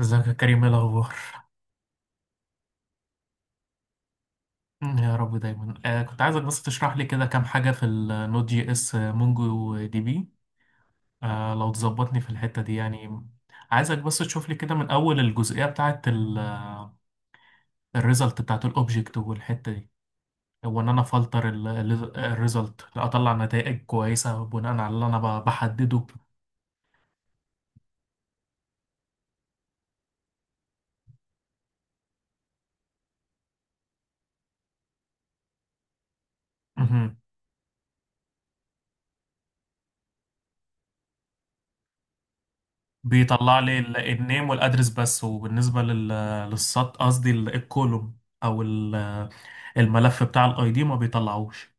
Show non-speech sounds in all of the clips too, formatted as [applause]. ازيك يا كريم، ايه الاخبار؟ يا رب دايما. كنت عايزك بس تشرح لي كده كام حاجه في النود جي اس مونجو دي بي. لو تظبطني في الحته دي يعني. عايزك بس تشوف لي كده من اول الجزئيه بتاعه، الريزلت بتاعه الاوبجكت والحته دي، هو ان انا فلتر الريزلت اطلع نتائج كويسه بناء على اللي انا بحدده. مهم. بيطلع لي النيم والادرس بس، وبالنسبه للسط، قصدي الكولوم او الملف بتاع الاي دي، ما بيطلعوش.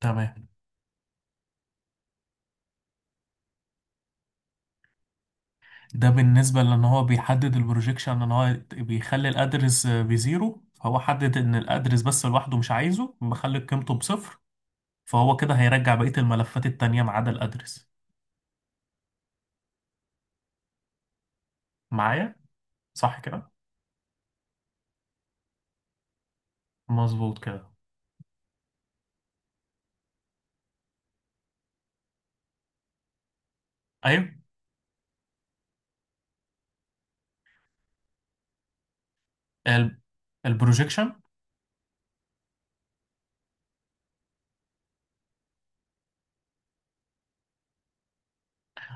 تمام، ده بالنسبة لان هو بيحدد البروجيكشن ان هو بيخلي الادرس بزيرو، فهو حدد ان الادرس بس لوحده مش عايزه، مخلي قيمته بصفر، فهو كده هيرجع بقية الملفات التانية ما عدا الادرس، معايا؟ صح كده؟ مظبوط كده. ايوه. ال- البروجيكشن.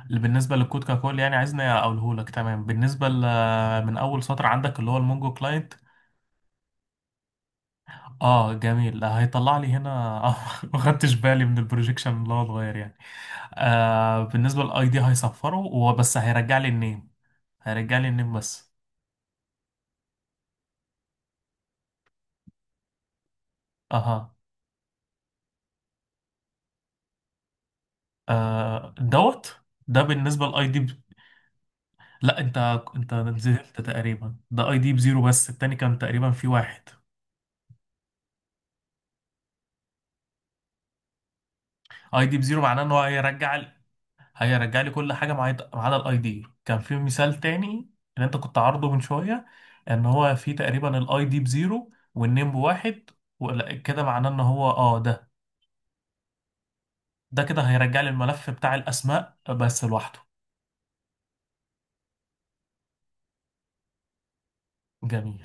اللي بالنسبة للكود ككل يعني، عايزني اقوله لك. تمام، بالنسبة من اول سطر عندك اللي هو المونجو كلاينت. اه جميل، آه، هيطلع لي هنا. آه، [laughs] ما خدتش بالي من البروجيكشن اللي هو اتغير يعني. آه، بالنسبه للاي دي هيصفره وبس، هيرجع لي النيم. هيرجع لي النيم بس. اها. آه دوت. ده بالنسبه للاي دي ب... لا انت، انت نزلت تقريبا ده اي دي بزيرو، بس التاني كان تقريبا في واحد. اي دي بزيرو معناه ان هو هيرجع، هيرجع لي كل حاجه معايا ما عدا الاي دي. كان في مثال تاني اللي انت كنت عارضه من شويه، ان هو في تقريبا الاي دي بزيرو والنيم بواحد. كده معناه ان هو اه، ده ده كده هيرجع لي الملف بتاع الاسماء بس لوحده. جميل.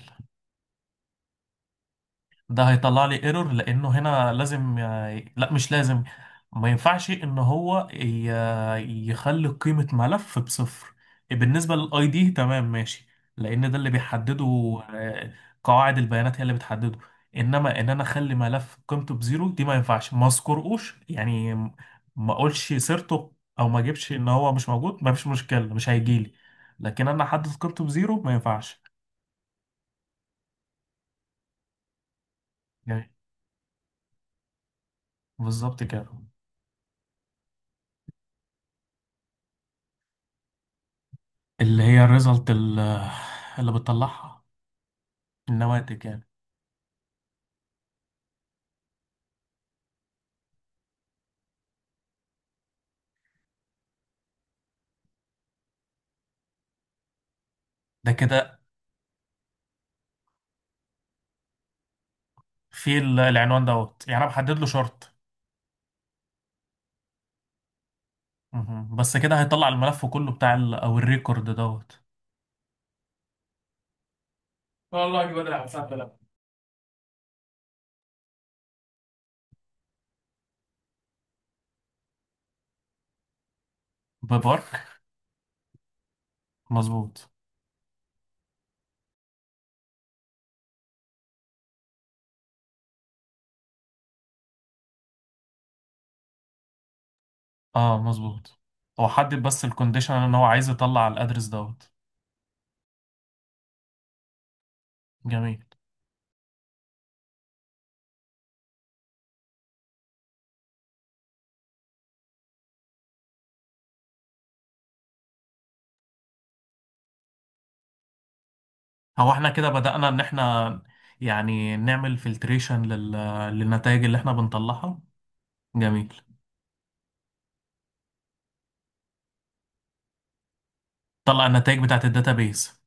ده هيطلع لي ايرور، لانه هنا لازم لا مش لازم، ما ينفعش ان هو يخلي قيمة ملف بصفر. بالنسبة للاي دي تمام ماشي، لان ده اللي بيحدده، آه، قواعد البيانات هي اللي بتحدده. انما ان انا اخلي ملف قيمته بزيرو، دي ما ينفعش. ما اذكرهوش يعني، ما اقولش سيرته، او ما اجيبش ان هو مش موجود، ما فيش مشكلة، مش هيجيلي. لكن انا احدد قيمته بزيرو ما ينفعش يعني. بالظبط كده. اللي هي الريزلت اللي، اللي بتطلعها، النواتج يعني. ده كده في العنوان دوت، يعني انا بحدد له شرط. مهم. بس كده هيطلع الملف كله بتاع ال او الريكورد دوت. والله دي بدري على الساعه 3. ببارك. مظبوط. اه مظبوط، هو حدد بس الكونديشن ان هو عايز يطلع الادرس دوت. جميل. هو احنا كده بدأنا ان احنا يعني نعمل فلتريشن لل... للنتائج اللي احنا بنطلعها. جميل. طلع النتائج بتاعت الداتابيز.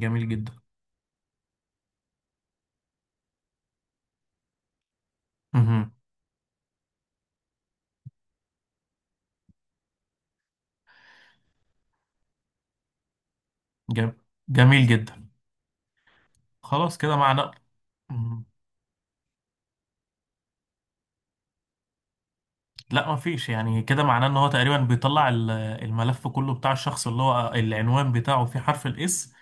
جميل جدا. جم... جميل جدا. خلاص كده معناه. مم. لا ما فيش يعني، كده معناه ان هو تقريبا بيطلع الملف كله بتاع الشخص اللي هو العنوان بتاعه فيه حرف الاس.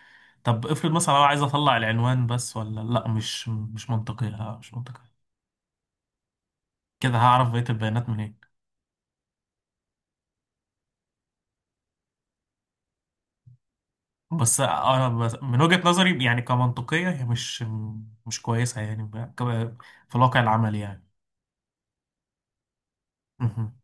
طب افرض مثلا انا عايز اطلع العنوان بس، ولا لا مش مش منطقي، لا، مش منطقي، كده هعرف بقية البيانات منين؟ بس انا بس من وجهة نظري يعني كمنطقية هي مش، مش كويسة يعني في الواقع العملي يعني. مهم.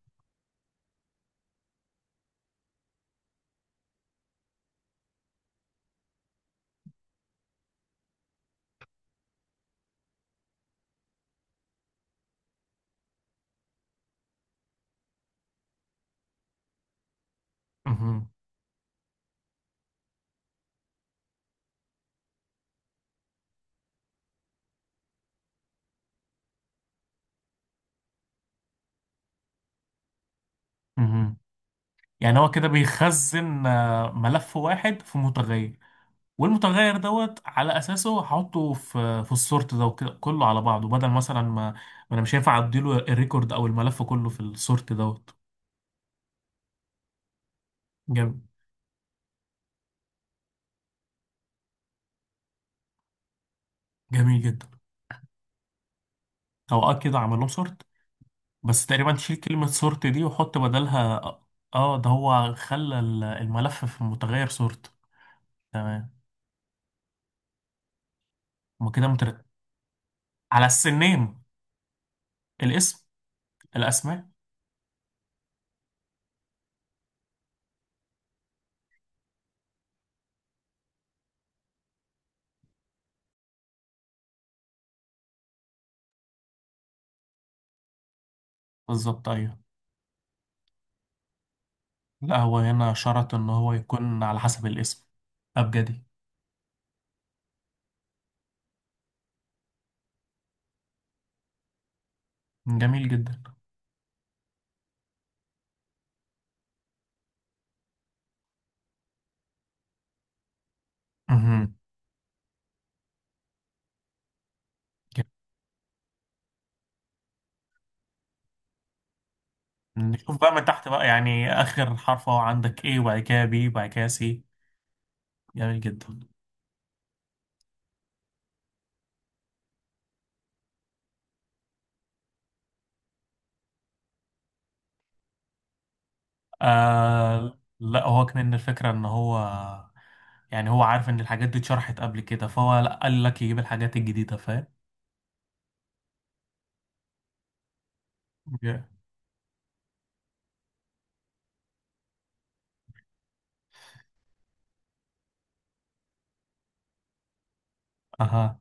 مهم. مهم. يعني هو كده بيخزن آه، ملف واحد في متغير، والمتغير دوت على اساسه هحطه في السورت ده، وكده كله على بعضه، بدل مثلا ما انا مش هينفع اديله الريكورد او الملف كله في السورت دوت. جميل. جميل جدا. او اه كده عمل لهم سورت، بس تقريبا تشيل كلمة سورت دي وحط بدلها اه، آه، ده هو خلى الملف في متغير سورت. تمام. هما كده مترتب على السنين. الاسم. الاسماء. بالظبط ايوه. لا هو هنا شرط ان هو يكون على حسب الاسم، ابجدي. جميل جدا. مهم. نشوف بقى من تحت بقى، يعني آخر حرف هو عندك A وبعد كده B وبعد كده C. جميل جدا. آه لا، هو كمان الفكرة إن هو، يعني هو عارف إن الحاجات دي اتشرحت قبل كده، فهو لا قال لك يجيب الحاجات الجديدة، فاهم؟ Yeah. أها.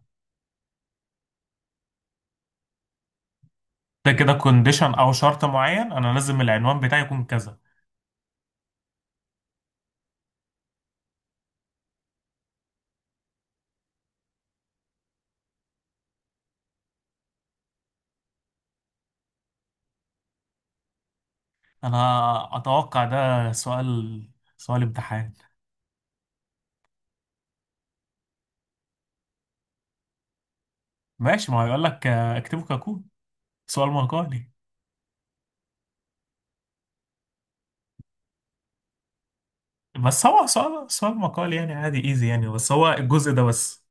ده كده كونديشن أو شرط معين، أنا لازم العنوان بتاعي يكون كذا. أنا أتوقع ده سؤال، سؤال امتحان. ماشي، ما هو يقول لك آه، اكتبه ككود، سؤال مقالي. بس هو سؤال، سؤال مقالي يعني، عادي ايزي يعني، بس هو الجزء ده بس.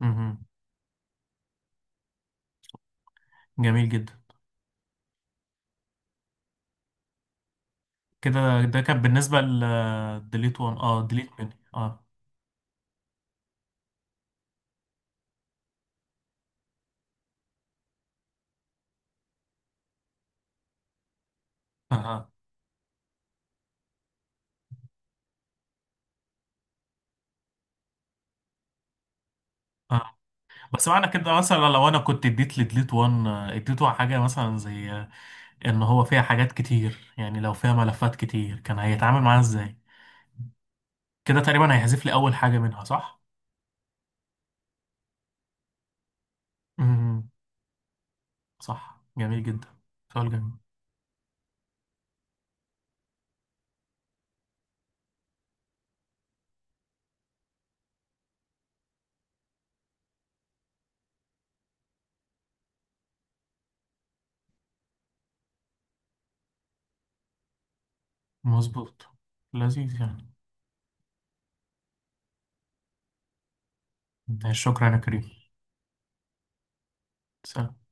مهم. جميل جدا. كده ده كان بالنسبة لديليت 1. اه ديليت مني. اه اه اه. بس معنى كده مثلا لو انا كنت اديت لديليت 1 آه، اديته حاجة مثلا زي آه، ان هو فيها حاجات كتير، يعني لو فيها ملفات كتير كان هيتعامل معاها ازاي؟ كده تقريبا هيحذف لي اول حاجة منها، صح؟ مهم. صح. جميل جدا. سؤال جميل. مظبوط. لذيذ يعني. شكرا يا كريم. سلام.